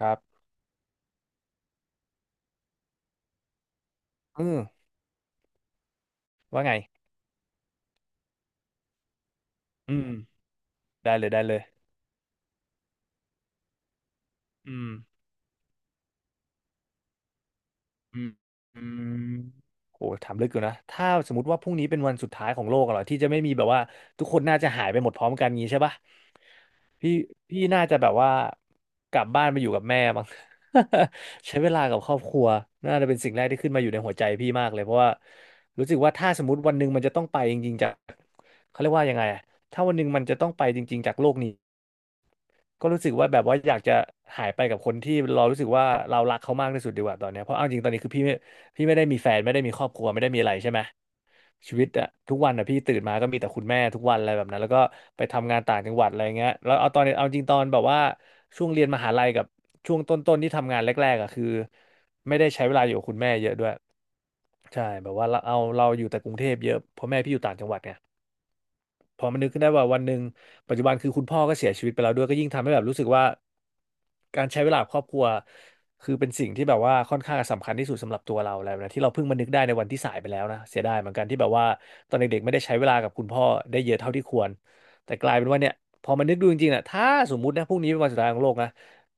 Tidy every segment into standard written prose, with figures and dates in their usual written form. ครับเออว่าไงอืมได้เลยได้เลยอืมอืมอืมโอ้ถามลึกอยู่นะถ้าสมมติว่าพรุ่งนี้เป็นวันสุดท้ายของโลกอะเหรอที่จะไม่มีแบบว่าทุกคนน่าจะหายไปหมดพร้อมกันงี้ใช่ปะพี่พี่น่าจะแบบว่ากลับบ้านไปอยู่กับแม่บ้าง ใช้เวลากับครอบครัว น่าจะเป็นสิ่งแรกที่ขึ้นมาอยู่ในหัวใจพี่มากเลย เพราะว่า รู้สึกว่าถ้าสมมติวันหนึ่งมันจะต้องไปจริงๆจากเขาเรียกว่ายังไงอะถ้าวันหนึ่งมันจะต้องไปจริงๆจากโลกนี้ ก็รู้สึกว่าแบบว่าอยากจะหายไปกับคนที่เรารู้สึกว่าเรารักเขามากที่สุดดีกว่าตอนเนี้ยเพราะเอาจริงตอนนี้คือพี่ไม่ได้มีแฟนไม่ได้มีครอบครัวไม่ได้มีอะไรใช่ไหมชีวิตอะทุกวันอะพี่ตื่นมาก็มีแต่คุณแม่ทุกวันอะไรแบบนั้นแล้วก็ไปทำงานต่างจังหวัดอะไรเงี้ยแล้วเอาตอนเอาจริงตอนแบบว่าช่วงเรียนมหาลัยกับช่วงต้นๆที่ทำงานแรกๆอะคือไม่ได้ใช้เวลาอยู่กับคุณแม่เยอะด้วยใช่แบบว่าเราเอาเราอยู่แต่กรุงเทพเยอะเพราะแม่พี่อยู่ต่างจังหวัดไงพอมันนึกขึ้นได้ว่าวันหนึ่งปัจจุบันคือคุณพ่อก็เสียชีวิตไปแล้วด้วยก็ยิ่งทำให้แบบรู้สึกว่า การใช้เวลากับครอบครัวคือเป็นสิ่งที่แบบว่าค่อนข้างสำคัญที่สุดสำหรับตัวเราแล้วนะที่เราเพิ่งมานึกได้ในวันที่สายไปแล้วนะเสียดายเหมือนกันที่แบบว่าตอนเด็กๆไม่ได้ใช้เวลากับคุณพ่อได้เยอะเท่าที่ควรแต่กลายเป็นว่าเนี่ยพอมานึกดูจริงๆอ่ะถ้าสมมุตินะพรุ่งนี้เป็นวันสุดท้ายของโลกนะ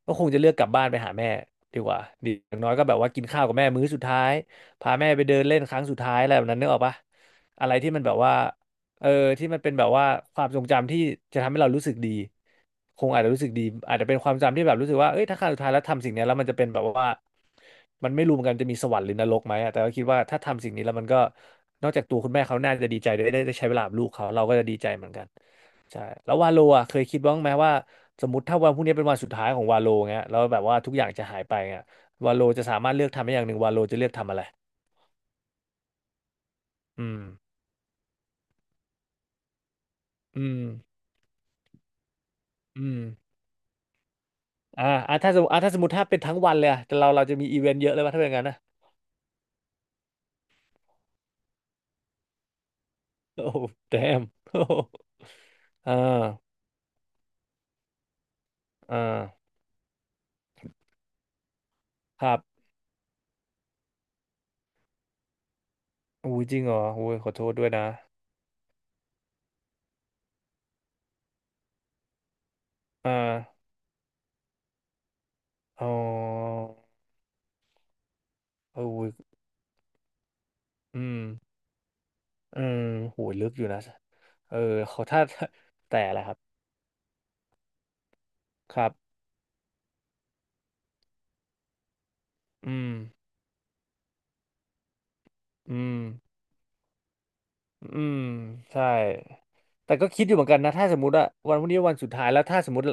ก็คงจะเลือกกลับบ้านไปหาแม่ดีกว่าดีอย่างน้อยก็แบบว่ากินข้าวกับแม่มื้อสุดท้ายพาแม่ไปเดินเล่นครั้งสุดท้ายอะไรแบบนั้นนึกออกปะอะไรที่มันแบบว่า เออที่มันเป็นแบบว่าความทรงจำที่จะทำให้เรารู้สึกดีคงอาจจะรู้สึกดีอาจจะเป็นความจำที่แบบรู้สึกว่าเอ้ยถ้าครั้งสุดท้ายแล้วทำสิ่งเนี้ยแล้วมันจะเป็นแบบว่ามันไม่รู้เหมือนกันจะมีสวรรค์หรือนรกไหมอะแต่ก็คิดว่าถ้าทำสิ่งนี้แล้วมันก็นอกจากตัวคุณแม่เขาน่าจะดีใจได้ใช้เวลากับลูกเขาเราก็จะดีใจเหมือนกันใช่แล้ววาโลอ่ะเคยคิดบ้างไหมว่าสมมติถ้าวันพรุ่งนี้เป็นวันสุดท้ายของวาโลเงี้ยแล้วแบบว่าทุกอย่างจะหายไปเงี้ยวาโลจะสามารถเลือกทำได้อย่างหนึ่งวาโลจะเลือกทำอะไรอืมอืมอืม ถ้าสมมติถ้าสมมติถ้าเป็นทั้งวันเลยอะแต่เราจะมีอีเวนต์เยอะเลยว่าถ้าเป็นอย่างนั้นนะ โอ้แดมโอ้ damn อ่าอ่าครับอุ้ยจริงเหรออุ้ยขอโทษด้วยนะอ่าอ๋อเอออุ้ยอืมอืมโหลึกอยู่นะเออเขอถ้าแต่ละครับครับอืมอืม อืมใช่แต่ก็คิดอยู่เหมือนกันนะถ้าสมมติว่าวันพรุ่งนี้วันสุดท้ายแล้วถ้าสมมติ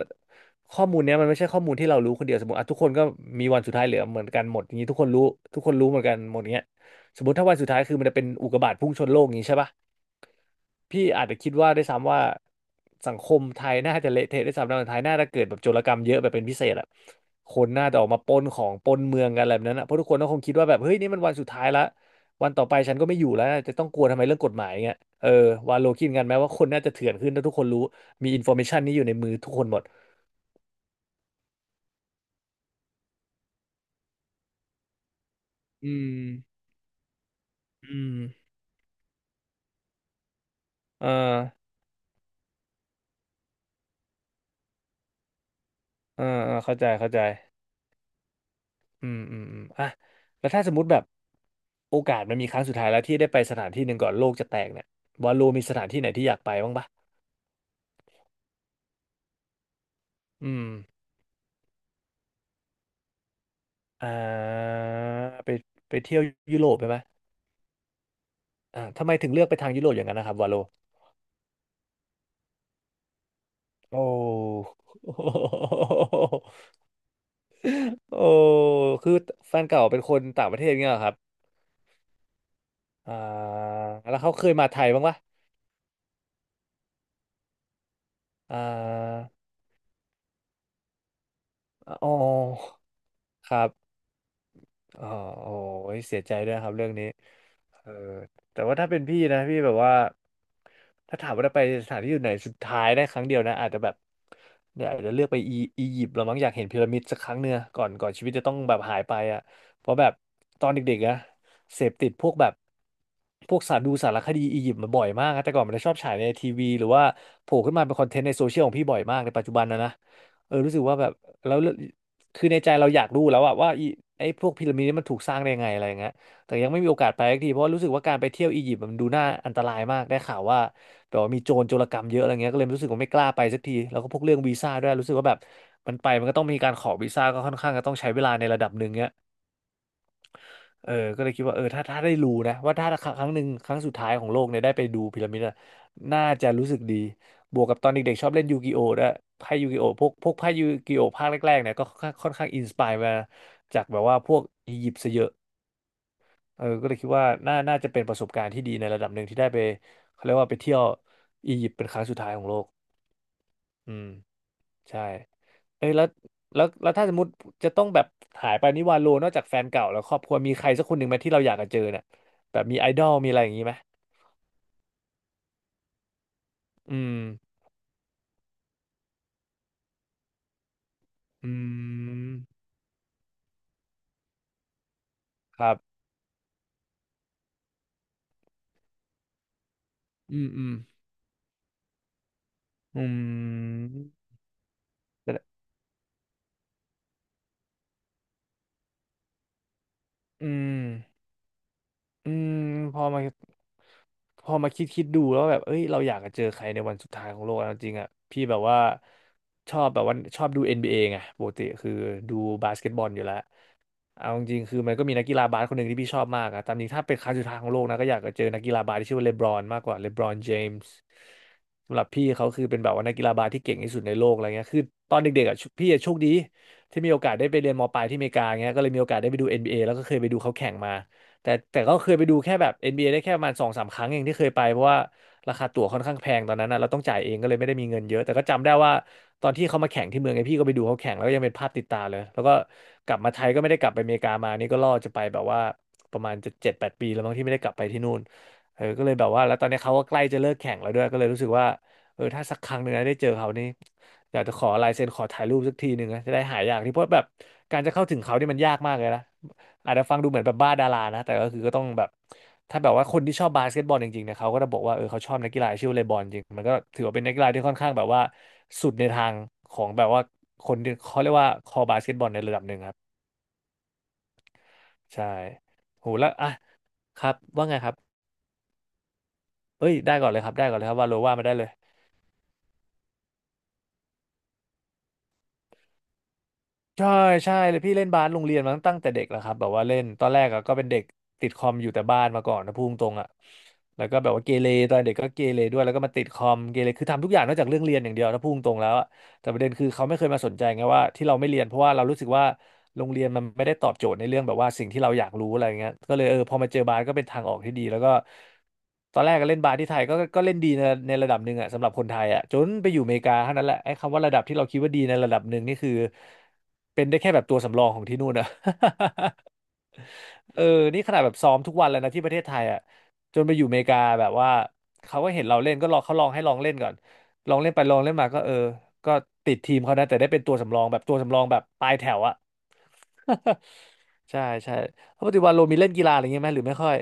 ข้อมูลเนี้ยมันไม่ใช่ข้อมูลที่เรารู้คนเดียวสมมติอ่ะทุกคนก็มีวันสุดท้ายเหลือเหมือนกันหมดอย่างนี้ทุกคนรู้เหมือนกันหมดเงี้ยสมมติถ้าวันสุดท้ายคือมันจะเป็นอุกกาบาตพุ่งชนโลกอย่างนี้ใช่ปะ พี่อาจจะคิดว่าด้วยซ้ำว่าสังคมไทยน่าจะเละเทะด้วยซ้ำนะไทยน่าจะเกิดแบบโจรกรรมเยอะแบบเป็นพิเศษอะคนน่าจะออกมาปล้นของปล้นเมืองกันอะไรแบบนั้นอะเพราะทุกคนก็คงคิดว่าแบบเฮ้ยนี่มันวันสุดท้ายละวันต่อไปฉันก็ไม่อยู่แล้วจะต้องกลัวทำไมเรื่องกฎหมายเงี้ยเออวาโลคิดกันไหมว่าคนน่าจะเถื่อนขึ้นถ้าทุกคนรู้มีอินโฟเมชันนี้อยู่ในมือทุกคนหมดอืมอืมเออเออเออเข้าใจเข้าใจ อืมอืมอืมอ่ะแล้วถ้าสมมติแบบโอกาสมันมีครั้งสุดท้ายแล้วที่ได้ไปสถานที่หนึ่งก่อนโลกจะแตกเนี่ยบอลลูมีสถานที่ไหนที่อยากไปบ้างปะอืมอ่าไปเที่ยวยุโรปไปไหมทำไมถึงเลือกไปทางยุโรปอย่างนั้นนะครับวาโลโอ้ โอ้คือแฟนเก่าเป็นคนต่างประเทศเงี้ยเหรอครับอ่าแล้วเขาเคยมาไทยบ้างปะอ่าอ๋อครับ อ๋อโอ้ยเสียใจด้วยครับเรื่องนี้เออแต่ว่าถ้าเป็นพี่นะพี่แบบว่า ถ้าถามว่าได้ไปสถานที่อยู่ไหนสุดท้ายได้ครั้งเดียวนะอาจจะแบบเนี่ยอาจจะเลือกไปอียิปต์เรามั้งอยากเห็นพีระมิดสักครั้งเนื้อะก่อนชีวิตจะต้องแบบหายไปอ่ะเพราะแบบตอนเด็กๆนะเสพติดพวกแบบพวกสารดูสารคดีอียิปต์มาบ่อยมากนะแต่ก่อนมันจะชอบฉายในทีวีหรือว่าโผล่ขึ้นมาเป็นคอนเทนต์ในโซเชียลของพี่บ่อยมากในปัจจุบันนะเออรู้สึกว่าแบบแล้ว คือในใจเราอยากรู้แล้วอะว่าไอ้พวกพีระมิดนี่มันถูกสร้างได้ยังไงอะไรอย่างเงี้ยแต่ยังไม่มีโอกาสไปสักทีเพราะว่ารู้สึกว่าการไปเที่ยวอียิปต์มันดูน่าอันตรายมากได้ข่าวว่าแบบว่ามีโจรกรรมเยอะอะไรเงี้ยก็เลยรู้สึกว่าไม่กล้าไปสักทีแล้วก็พวกเรื่องวีซ่าด้วยรู้สึกว่าแบบมันไปมันก็ต้องมีการขอวีซ่าก็ค่อนข้างจะต้องใช้เวลาในระดับหนึ่งเงี้ย เออก็เลยคิดว่าเออถ้าได้รู้นะว่าถ้าครั้งหนึ่งครั้งสุดท้ายของโลกเนี่ยได้ไปดูพีระมิดอะน่าจะรู้สึกดีบวกกับตอนเด็กๆชอบเล่นยูกิโอด้วยไพ่ยูกิโอพวกไพ่ยูกิโอภาคแรกๆเนี่ยก็ค่อนข้างอินสปายมาจากแบบว่าพวกอียิปต์ซะเยอะเออก็เลยคิดว่าน่าจะเป็นประสบการณ์ที่ดีในระดับหนึ่งที่ได้ไปเขาเรียกว่าไปเที่ยวอียิปต์เป็นครั้งสุดท้ายของโลกอืม ใช่เอ้ยแล้วแล้วถ้าสมมติจะต้องแบบหายไปนิวาโลนอกจากแฟนเก่าแล้วครอบครัวมีใครสักคนหนึ่งไหมที่เราอยากจะเจอเนี่ยแบบมีไอดอลมีอะไรอย่างนี้ไหมอืมอืมครับอืมอืมอืมแต่อืมอืมพอมา พอมาคิดดูแล้วแบบเอ้ยเราอยากจะเจอใครในวันสุดท้ายของโลกอะจริงๆอ่ะพี่แบบว่าชอบดู NBA ไงปกติคือดูบาสเกตบอลอยู่แล้วเอาจริงๆคือมันก็มีนักกีฬาบาสคนหนึ่งที่พี่ชอบมากอะตามจริงถ้าเป็นครั้งสุดท้ายของโลกนะก็อยากจะเจอนักกีฬาบาสที่ชื่อว่าเลบรอนมากกว่าเลบรอนเจมส์สำหรับพี่เขาคือเป็นแบบว่านักกีฬาบาสที่เก่งที่สุดในโลกอะไรเงี้ยคือตอนเด็กๆอ่ะพี่อะโชคดีที่มีโอกาสได้ไปเรียนมปลายที่อเมริกาเงี้ยก็เลยมีโอกาสได้ไปดูNBA แล้วก็เคยไปดูเขาแข่งมา แต่ก็เคยไปดูแค่แบบNBAได้แค่ประมาณ2-3 ครั้งเองที่เคยไปเพราะว่าราคาตั๋วค่อนข้างแพงตอนนั้นนะเราต้องจ่ายเองก็เลยไม่ได้มีเงินเยอะแต่ก็จำได้ว่าตอนที่เขามาแข่งที่เมืองไอพี่ก็ไปดูเขาแข่งแล้วก็ยังเป็นภาพติดตาเลยแล้วก็กลับมาไทยก็ไม่ได้กลับไปอเมริกามานี่ก็ล่อจะไปแบบว่าประมาณจะ7-8 ปีแล้วมั้งที่ไม่ได้กลับไปที่นู่นเออก็เลยแบบว่าแล้วตอนนี้เขาก็ใกล้จะเลิกแข่งแล้วด้วยก็เลยรู้สึกว่าเออถ้าสักครั้งหนึ่งนะได้เจอเขานี่อยากจะขอลายเซ็นขอถ่ายรูปสักทีหนึ่งนะจะได้หายอยากที่เพราะแบบการจะเข้าถึงเขานี่มันยากมากเลยนะ อาจจะฟังดูเหมือนแบบบ้าดารานะแต่ก็คือก็ต้องแบบถ้าแบบว่าคนที่ชอบบาสเกตบอลจริงๆเนี่ยเขาก็จะบอกว่าเออเขาชอบนักกีฬาชื่อเลบรอนจริงมันก็ถือว่าเป็นนักกีฬาที่ค่อนข้างแบบว่าสุดในทางของแบบว่าคนที่เขาเรียกว่าคอบาสเกตบอลในระดับหนึ่งครับใช่โหแล้วอ่ะครับว่าไงครับเอ้ยได้ก่อนเลยครับได้ก่อนเลยครับว่าโลว่ามาได้เลย ใช่ใช่เลยพี่เล่นบาสโรงเรียนมาตั้งแต่เด็กแล้วครับแบบว่าเล่นตอนแรกอะก็เป็นเด็กติดคอมอยู่แต่บ้านมาก่อนนะพูดตรงๆอะแล้วก็แบบว่าเกเรตอนเด็กก็เกเรด้วยแล้วก็มาติดคอมเกเรคือทำทุกอย่างนอกจากเรื่องเรียนอย่างเดียวนะพูดตรงๆแล้วอะ แต่ประเด็นคือเขาไม่เคยมาสนใจไงว่าที่เราไม่เรียนเพราะว่าเรารู้สึกว่าโรงเรียนมันไม่ได้ตอบโจทย์ในเรื่องแบบว่าสิ่งที่เราอยากรู้อะไรเงี้ยก็เลยพอมาเจอบาสก็เป็นทางออกที่ดีแล้วก็ตอนแรกก็เล่นบาสที่ไทยก็เล่นดีในระดับหนึ่งอะสำหรับคนไทยอะจนไปอยู่อเมริกาเท่านั้นแหละไอ้คำว่าระดับที่เราคิดว่าดีในระดับหนึ่งนี่คือเป็นได้แค่แบบตัวสำรองของที่นู่นนะ เออนี่ขนาดแบบซ้อมทุกวันแล้วนะที่ประเทศไทยอ่ะจนไปอยู่อเมริกาแบบว่าเขาก็เห็นเราเล่นก็ลองเขาลองให้ลองเล่นก่อน ลองเล่นไปลองเล่นมาก็เออก็ติดทีมเขานะแต่ได้เป็นตัวสำรองแบบตัวสำรองแบบปลายแถวอะ ใช่ใช่แล้วปัจจุบันโรมีเล่นกีฬาอะไรเงี้ยไหมหรือไม่ค่อย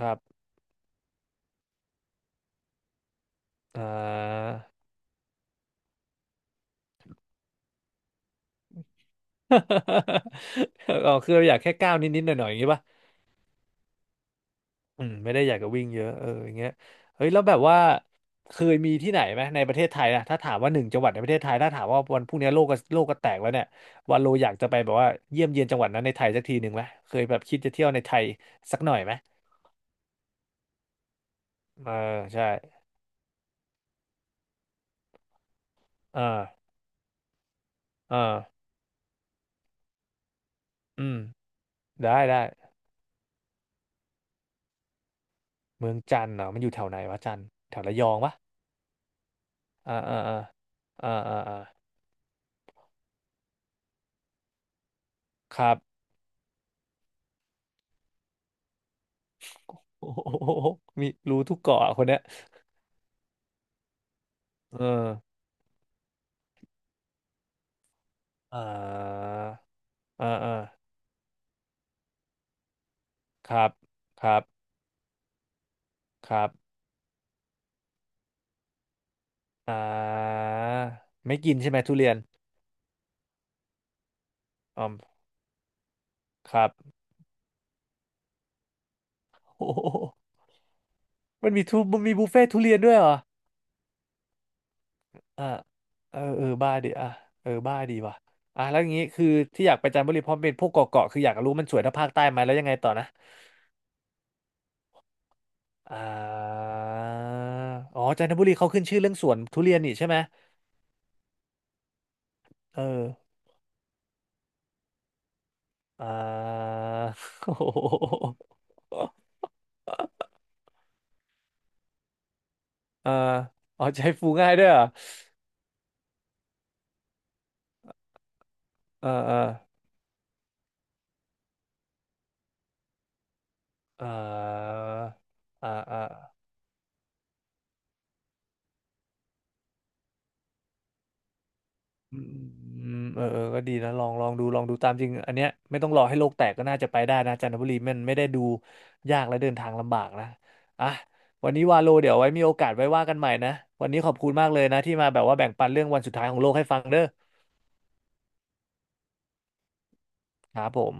ครับอ่า อ๋อคืออยากแค่ก้าวนิดๆหน่อยๆอย่างงี้ป่ะอืมไม่ได้อยากจะวิ่งเยอะเอออย่างเงี้ยเฮ้ยแล้วแบบว่าเคยมีที่ไหนไหมในประเทศไทยนะถ้าถามว่าหนึ่งจังหวัดในประเทศไทยถ้าถามว่าวันพรุ่งนี้โลกก็แตกแล้วเนี่ยวันโลอยากจะไปแบบว่าเยี่ยมเยียนจังหวัดนั้นในไทยสักทีหนึ่งไหมเคยแบบคิดจะเที่ยวในไทยสักหน่อยไหม เออใช่เออเอออืมได้ได้เมืองจันทร์เหรอมันอยู่แถวไหนวะจันทร์แถวระยองปะอ่าอ่าอ่าอ่าอ่าอ่าครับ โอ้โหมีรู้ทุกเกาะอะคนเนี้ยเอออ่าอ่าอ่าครับครับครับอ่าไม่กินใช่ไหมทุเรียนอ๋อครับ โอ้โหมันมีมันมีบุฟเฟ่ต์ทุเรียนด้วยเหรอ อ่าเออเออบ้าดิอ่ะเออบ้าดีว่ะอ่ะแล้วอย่างงี้คือที่อยากไปจันทบุรีเพราะเป็นพวกเกาะคืออยากรู้มันสวยเท่าภาคใต้ไหมแล้วยังไงต่อนะอ่าอ๋อจันทบุรีเขาขึ้นชื่อเรื่องสวนทุเรียนนี่ใช่ไหมเอออ่า โอ้โหเอออ๋อใจฟูง่ายด้วยเหรอเออเออเออเออเออ อืมเออเออก็ดีนะ ลองลองดูลองดูตามจริง อันเนี้ยไม่ต้องรอให้โลกแตกก็น่าจะไปได้นะจันทบุรีมันไม่ได้ดูยากและเดินทางลำบากนะอ่ะวันนี้วาโลเดี๋ยวไว้มีโอกาสไว้ว่ากันใหม่นะ วันนี้ขอบคุณมากเลยนะที่มาแบบว่าแบ่งปันเรื่องวันสุดท้ายของโลกให้ฟังเด้อครับผม